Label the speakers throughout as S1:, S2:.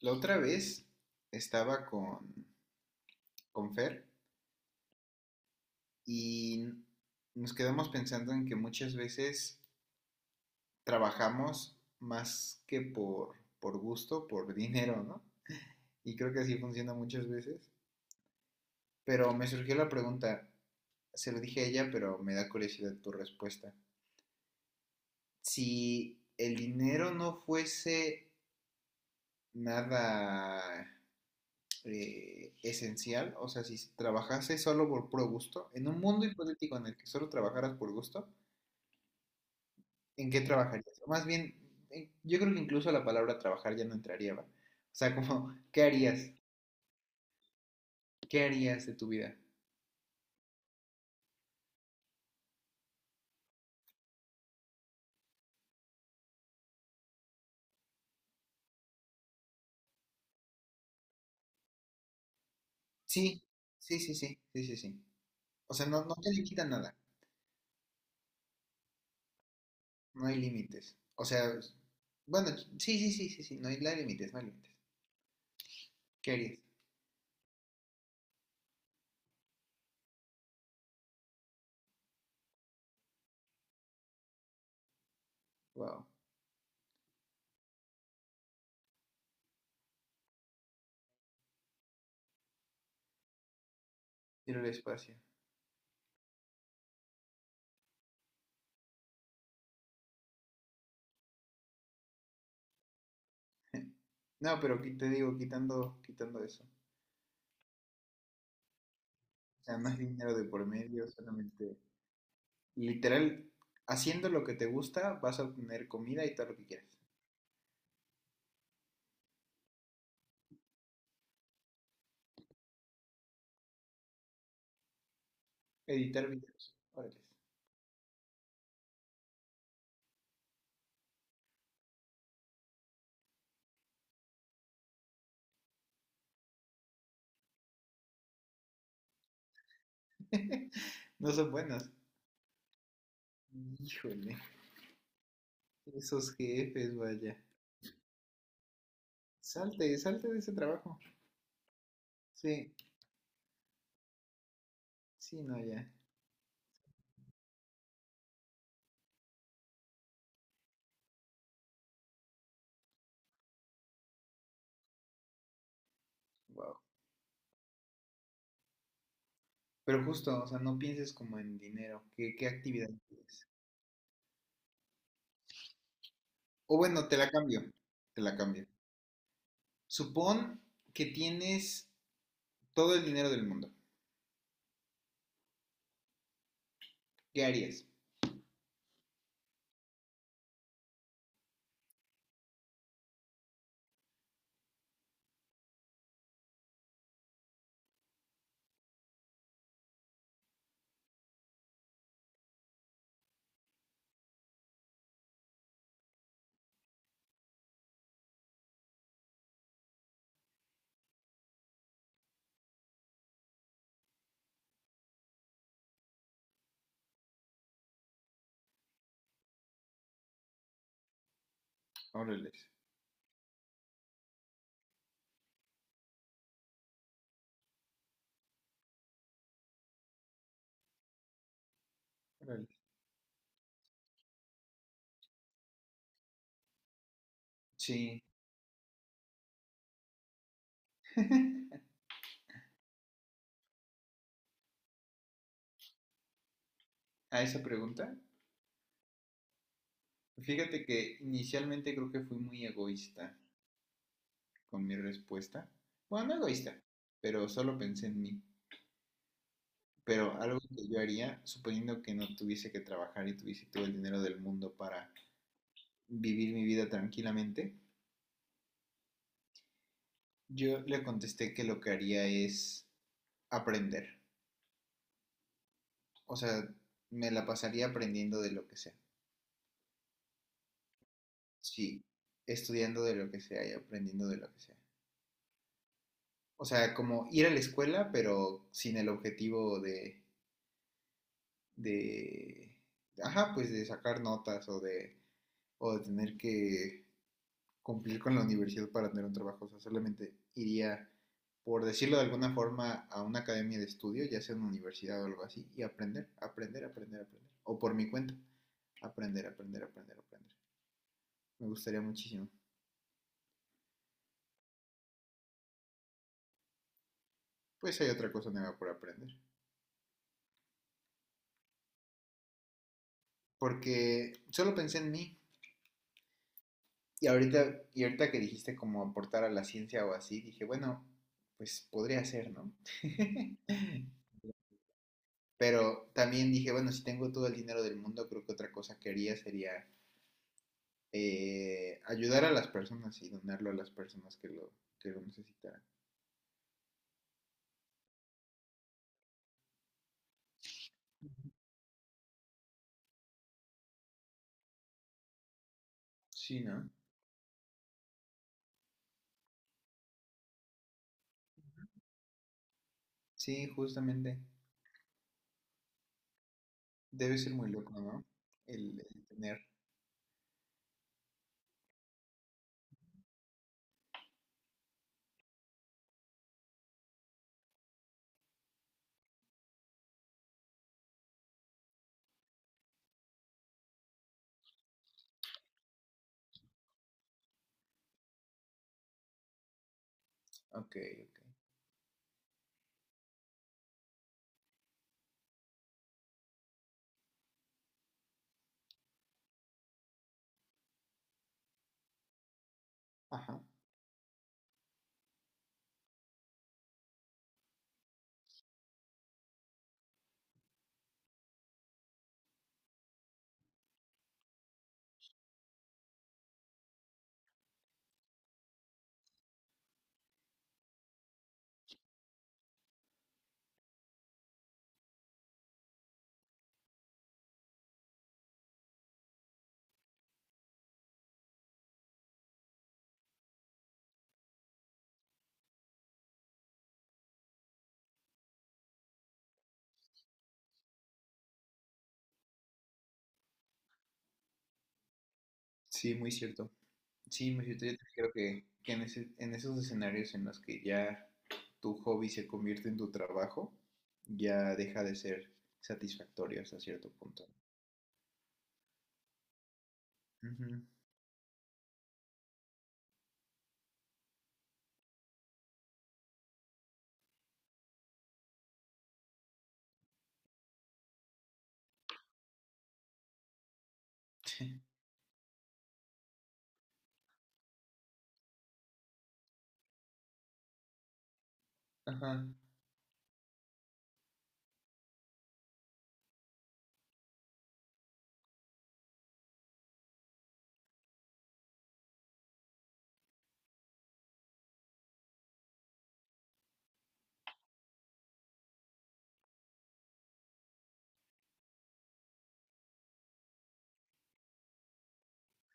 S1: La otra vez estaba con Fer y nos quedamos pensando en que muchas veces trabajamos más que por gusto, por dinero, ¿no? Y creo que así funciona muchas veces. Pero me surgió la pregunta, se lo dije a ella, pero me da curiosidad tu respuesta. Si el dinero no fuese nada esencial, o sea, si trabajase solo por puro gusto, en un mundo hipotético en el que solo trabajaras por gusto, ¿en qué trabajarías? O más bien, yo creo que incluso la palabra trabajar ya no entraría, ¿va? O sea, como, ¿qué harías? ¿Qué harías de tu vida? Sí, sí, sí, sí, sí, sí, sí. O sea, no, no te limita nada, no hay límites. O sea, bueno, sí, sí, sí, sí, sí, no hay límites, no hay límites. ¿Qué harías? Wow, ir al espacio. No, pero te digo, quitando eso. O sea, no hay dinero de por medio, solamente literal, haciendo lo que te gusta, vas a obtener comida y todo lo que quieras. Editar videos, órale. No son buenos. Híjole, esos jefes, vaya. Salte, salte de ese trabajo. Sí, sí, no, ya. Wow. Pero justo, o sea, no pienses como en dinero. ¿Qué, qué actividad quieres? O bueno, te la cambio. Te la cambio. Supón que tienes todo el dinero del mundo. ¿Qué harías? Órale. Órale. Sí, a esa pregunta, fíjate que inicialmente creo que fui muy egoísta con mi respuesta. Bueno, no egoísta, pero solo pensé en mí. Pero algo que yo haría, suponiendo que no tuviese que trabajar y tuviese todo el dinero del mundo para vivir mi vida tranquilamente, yo le contesté que lo que haría es aprender. O sea, me la pasaría aprendiendo de lo que sea. Sí, estudiando de lo que sea y aprendiendo de lo que sea. O sea, como ir a la escuela, pero sin el objetivo de ajá, pues de sacar notas o de tener que cumplir con la universidad para tener un trabajo. O sea, solamente iría, por decirlo de alguna forma, a una academia de estudio, ya sea una universidad o algo así, y aprender, aprender, aprender, aprender. O por mi cuenta, aprender, aprender, aprender, aprender. Me gustaría muchísimo. Pues hay otra cosa nueva por aprender. Porque solo pensé en mí. Y ahorita que dijiste como aportar a la ciencia o así, dije, bueno, pues podría ser, ¿no? Pero también dije, bueno, si tengo todo el dinero del mundo, creo que otra cosa que haría sería ayudar a las personas y donarlo a las personas que lo necesitaran. Sí, ¿no? Sí, justamente. Debe ser muy loco, ¿no? El tener. Ok, ok. Ajá. Sí, muy cierto. Sí, muy cierto. Yo también creo que en esos escenarios en los que ya tu hobby se convierte en tu trabajo, ya deja de ser satisfactorio hasta cierto punto. Ujú. Ajá.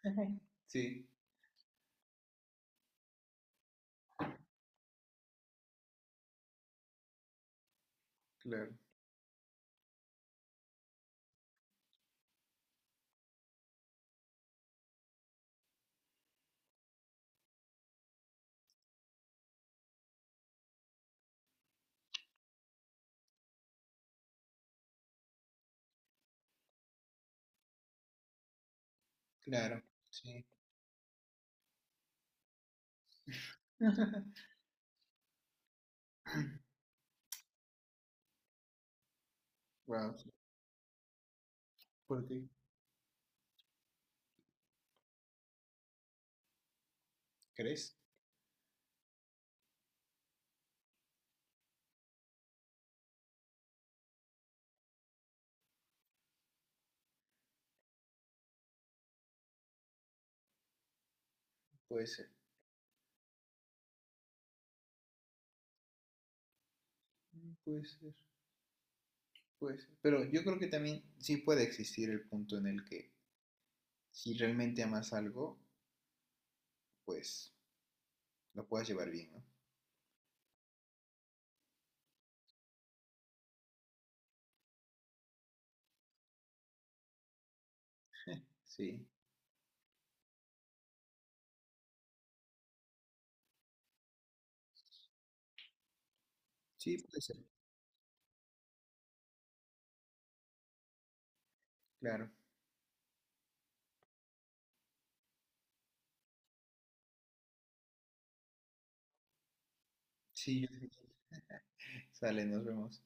S1: Ujú. Sí, claro, claro, sí. Wow, porque crees, puede ser, mm, puede ser, puede ser. Pero yo creo que también sí puede existir el punto en el que si realmente amas algo, pues lo puedas llevar bien, ¿no? Sí, sí, puede ser, claro. Sí, yo- sale, nos vemos.